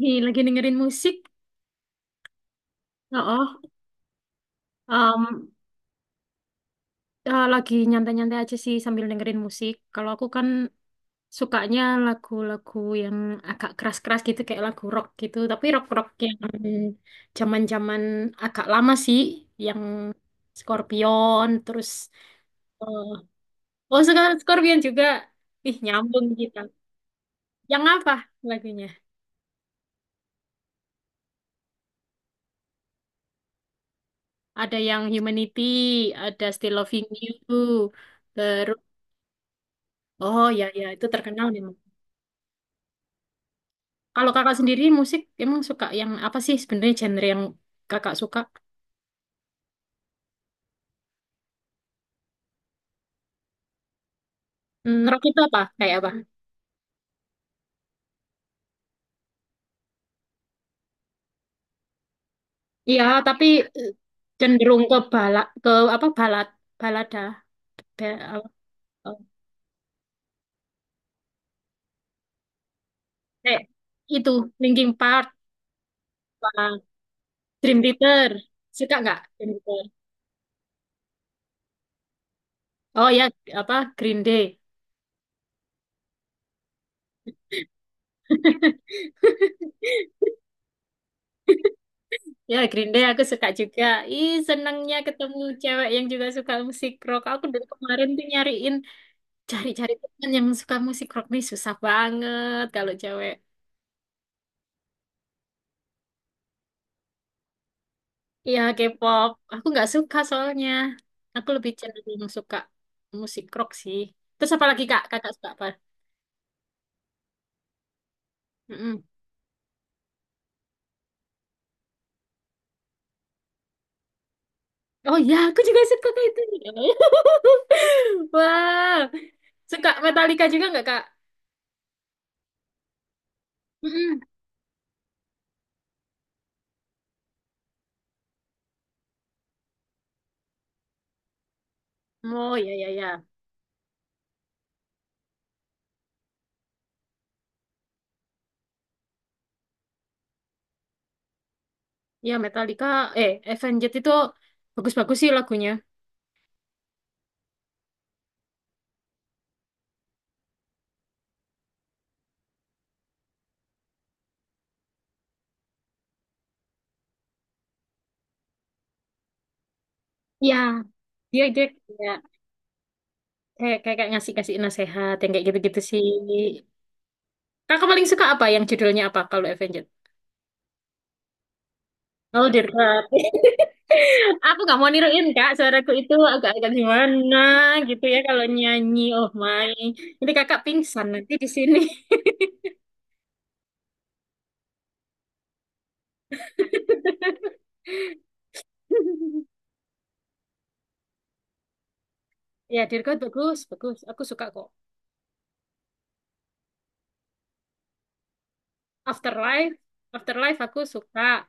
Nih, lagi dengerin musik. Oh, um, lagi nyantai-nyantai aja sih sambil dengerin musik. Kalau aku kan sukanya lagu-lagu yang agak keras-keras gitu, kayak lagu rock gitu. Tapi rock-rock yang zaman-zaman agak lama sih, yang Scorpion, terus eh, oh suka Scorpion juga. Ih, nyambung kita. Yang apa lagunya? Ada yang Humanity, ada Still Loving You, terus oh ya ya itu terkenal nih. Kalau kakak sendiri musik emang suka yang apa sih sebenarnya genre yang kakak suka? Hmm, ngerok itu apa? Kayak apa? Iya, tapi eh, cenderung ke balad ke apa balad balada Ba- apa- apa. Kayak itu Linkin Park, apa, Dream Theater. Suka nggak Dream Theater? Oh ya, apa Green Day. Ya, Green Day aku suka juga. Ih, senangnya ketemu cewek yang juga suka musik rock. Aku dari kemarin tuh nyariin cari-cari teman yang suka musik rock nih susah banget kalau cewek. Iya, K-pop. Aku nggak suka soalnya. Aku lebih cenderung suka musik rock sih. Terus apa lagi Kak? Kakak suka apa? Mm-mm. Oh iya, aku juga suka kayak itu. Wow. Suka Metallica juga nggak Kak? Mm-mm. Oh iya, iya, iya. Iya, Metallica. Eh, Avenged itu bagus-bagus sih lagunya. Iya, dia dia kayak kayak ngasih kasih nasehat yang kayak gitu-gitu sih. Kakak paling suka apa? Yang judulnya apa kalau Avenged? Oh, Dirga. Aku gak mau niruin kak, suaraku itu agak-agak gimana gitu ya kalau nyanyi. Oh my, ini kakak pingsan nanti di sini. Ya Dirgo bagus, bagus. Aku suka kok. Afterlife, Afterlife aku suka.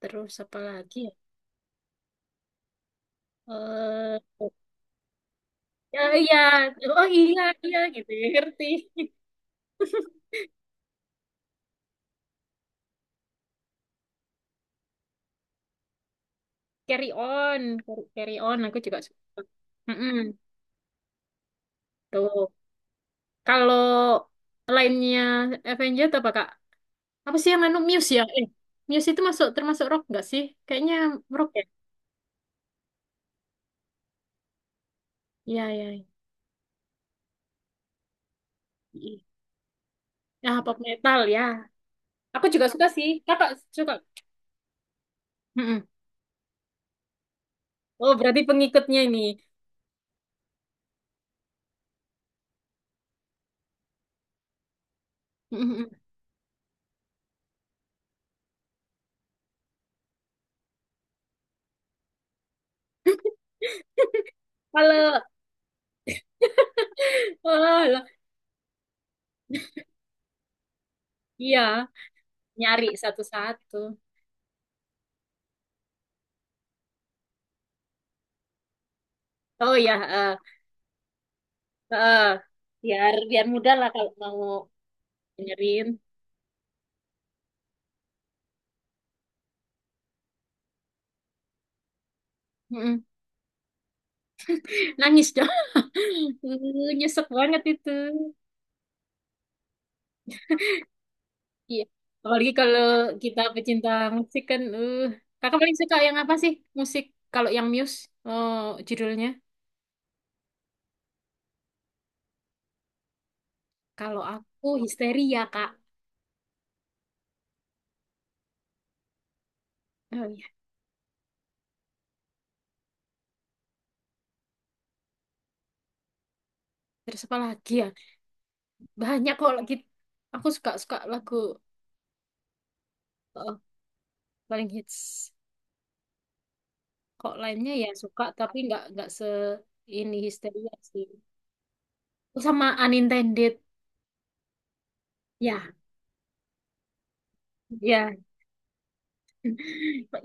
Terus apa lagi? Ya? Eh, ya iya, oh iya iya gitu ya ngerti. Carry on, carry on. Aku juga suka. Mm-mm. Tuh, kalau lainnya Avenger apa kak? Apa sih yang anu Muse ya? Eh, Muse itu masuk termasuk rock nggak sih? Kayaknya rock ya. Iya, iya. Ya pop metal ya. Aku juga suka sih. Kakak suka. Mm-mm. Oh, berarti pengikutnya ini. Mm-mm. Kalau, oh, lah. Iya, nyari satu-satu. Oh ya, eh, biar biar mudah lah kalau mau dengerin. Mm-mm. Nangis dong. Nyesek banget itu. Iya. Apalagi kalau kita pecinta musik kan, eh kakak paling suka yang apa sih musik? Kalau yang Muse, eh judulnya. Kalau aku Histeria, Kak. Oh iya. Terus apa lagi ya? Banyak kok lagi. Aku suka suka lagu eh, paling hits. Kok lainnya ya suka, tapi nggak se ini Histeria sih. Oh, sama Unintended. Ya, ya.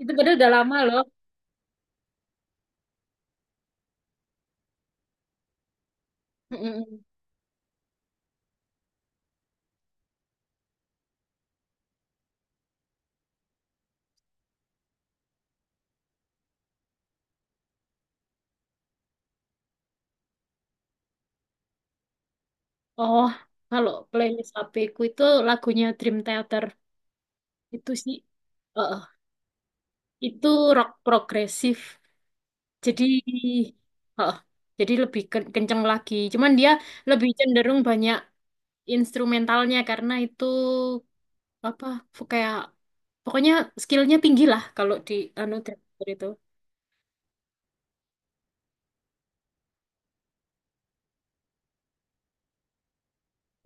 Itu padahal udah lama loh. Mm-mm. Oh, kalau playlist HP ku itu lagunya Dream Theater. Itu sih, eh, itu rock progresif. Jadi, eh, jadi lebih ken- kenceng lagi. Cuman dia lebih cenderung banyak instrumentalnya karena itu apa kayak pokoknya skillnya tinggi lah kalau di anu driver itu.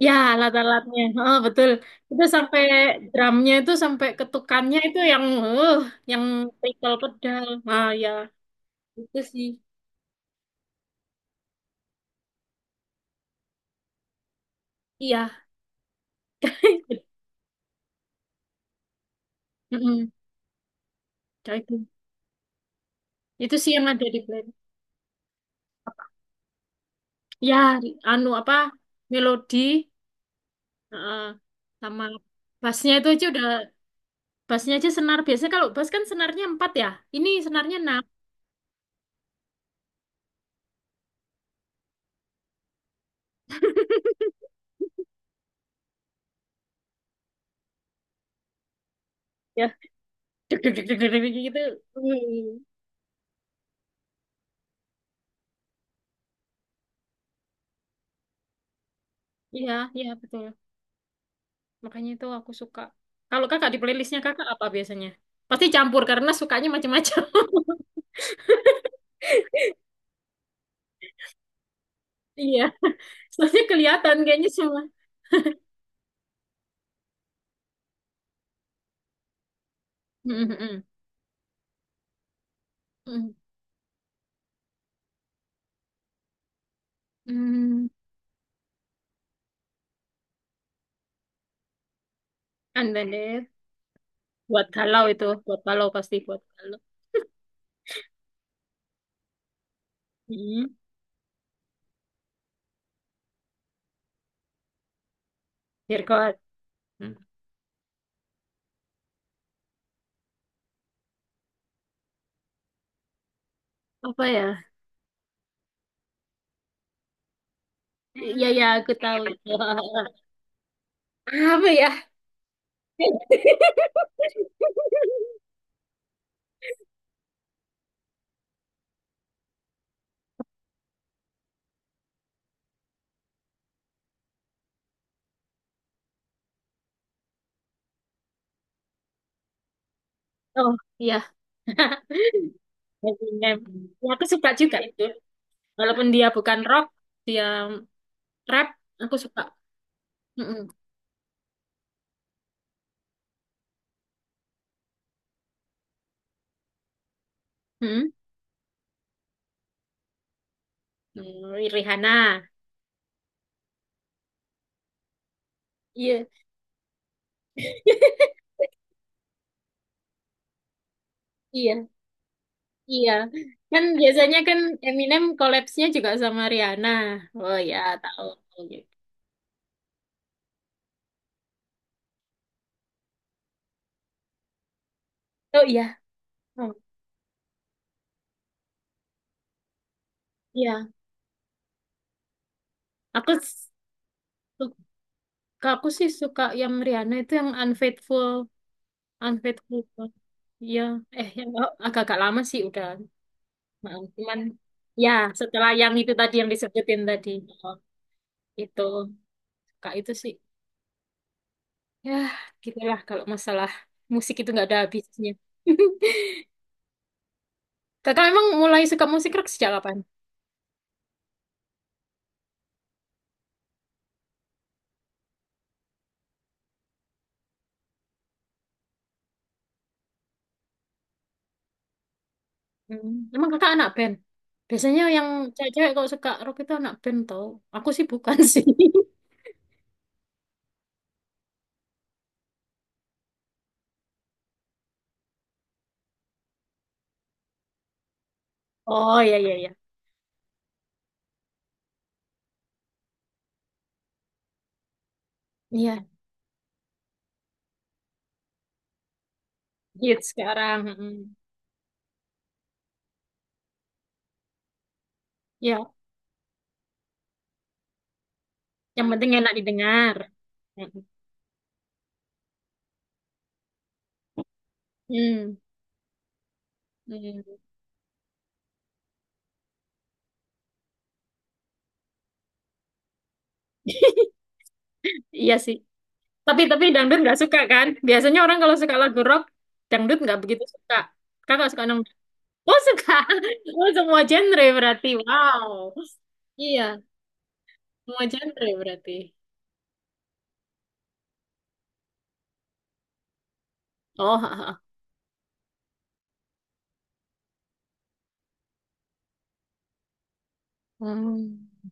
Ya, alat-alatnya, oh, betul. Itu sampai drumnya itu sampai ketukannya itu yang, eh, yang pedal pedal. Ah ya itu sih. Iya. Mm-mm. Kayak itu sih yang ada di playlist. Ya anu apa melodi eh, sama bassnya itu aja udah bassnya aja senar biasanya kalau bass kan senarnya 4 ya ini senarnya 6 ya deg deg deg deg deg deg gitu. Hmm. Iya iya betul makanya itu aku suka kalau kakak di playlistnya kakak apa biasanya pasti campur karena sukanya macam-macam. Iya soalnya kelihatan kayaknya semua hmm hmm hmm. Mm, mm. And then there. Buat galau itu buat galau pasti buat galau mm. Dear God. Apa ya? Iya ya aku tahu. Apa ya? Oh iya. Eminem. Ya, aku suka juga itu. Walaupun dia bukan rock, dia rap, aku suka. Mm-mm. Mm-mm. Hmm, Rihanna. Iya, iya, iya. Kan biasanya kan Eminem collabsnya juga sama Rihanna. Oh ya, tahu. Oh iya. Oh iya. Aku suka, aku sih suka yang Rihanna itu yang Unfaithful. Anggrek Purba. Iya, eh yang agak-agak lama sih udah. Nah, cuman ya setelah yang itu tadi yang disebutin tadi oh, itu kak itu sih. Ya, gitulah kalau masalah musik itu nggak ada habisnya. Kakak emang mulai suka musik rock sejak kapan? Hmm, emang kakak anak band? Biasanya yang cewek-cewek kalau suka rock itu anak band tau. Aku sih bukan sih. Oh iya iya iya. Iya, hits sekarang. Mm. Iya, yang penting enak didengar. Mm. Hmm. Hmm. Iya sih. Tapi dangdut nggak suka kan? Biasanya orang kalau suka lagu rock, dangdut nggak begitu suka. Kakak suka dong? Oh suka. Oh semua genre berarti. Wow. Iya, semua genre berarti. Oh. Ha, ha. Hmm.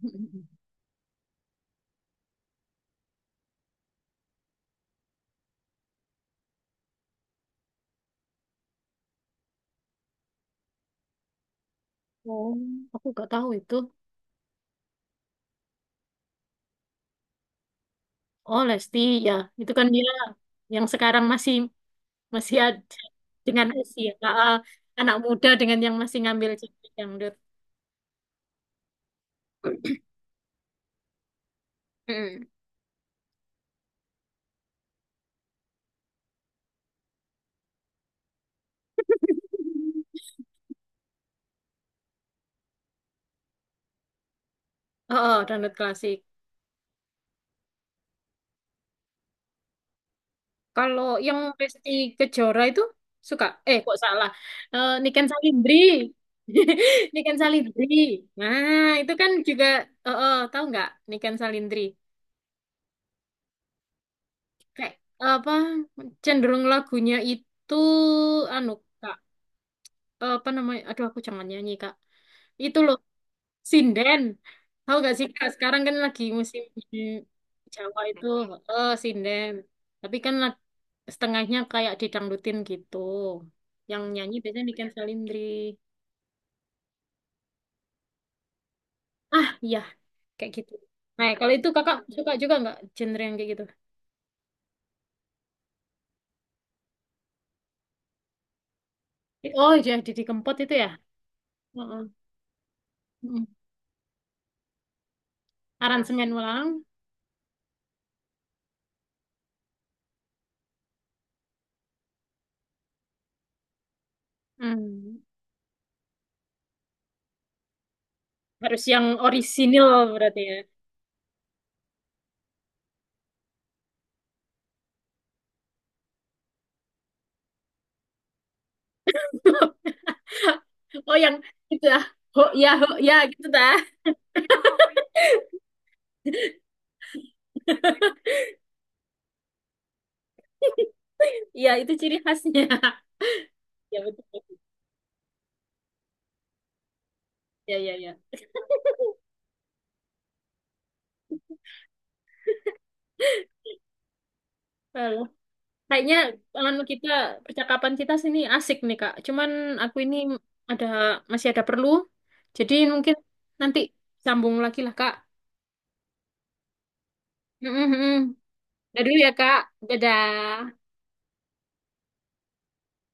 Oh, aku nggak tahu itu. Oh Lesti ya, itu kan dia yang sekarang masih masih ada dengan usia ah, anak muda dengan yang masih ngambil genre dangdut. Hmm. Oh, oh, dangdut klasik. Kalau yang Resti Kejora itu suka, eh kok salah, eh, Niken Salindri, Niken Salindri. Nah itu kan juga, tahu nggak Niken Salindri? Kayak apa? Cenderung lagunya itu, anu kak, apa namanya? Aduh aku jangan nyanyi kak. Itu loh Sinden. Tahu gak sih Kak, sekarang kan lagi musim Jawa itu eh sinden. Tapi kan la- setengahnya kayak didangdutin gitu. Yang nyanyi biasanya Niken Salindri. Ah, iya, kayak gitu. Nah, kalau itu Kakak suka juga nggak genre yang kayak gitu? Oh, jadi Didi Kempot itu ya. Heeh. Mm. Aransemen ulang. Hmm. Harus yang orisinil berarti ya. Oh, yang itu ah. Ho ya, ho ya gitu dah. Iya, itu ciri khasnya. Ya betul. Ya ya ya. Halo. Kayaknya anu kita percakapan kita sini asik nih Kak. Cuman aku ini ada masih ada perlu. Jadi mungkin nanti sambung lagi lah Kak. Mm-mm-mm. Dadah dulu ya Kak. Dadah.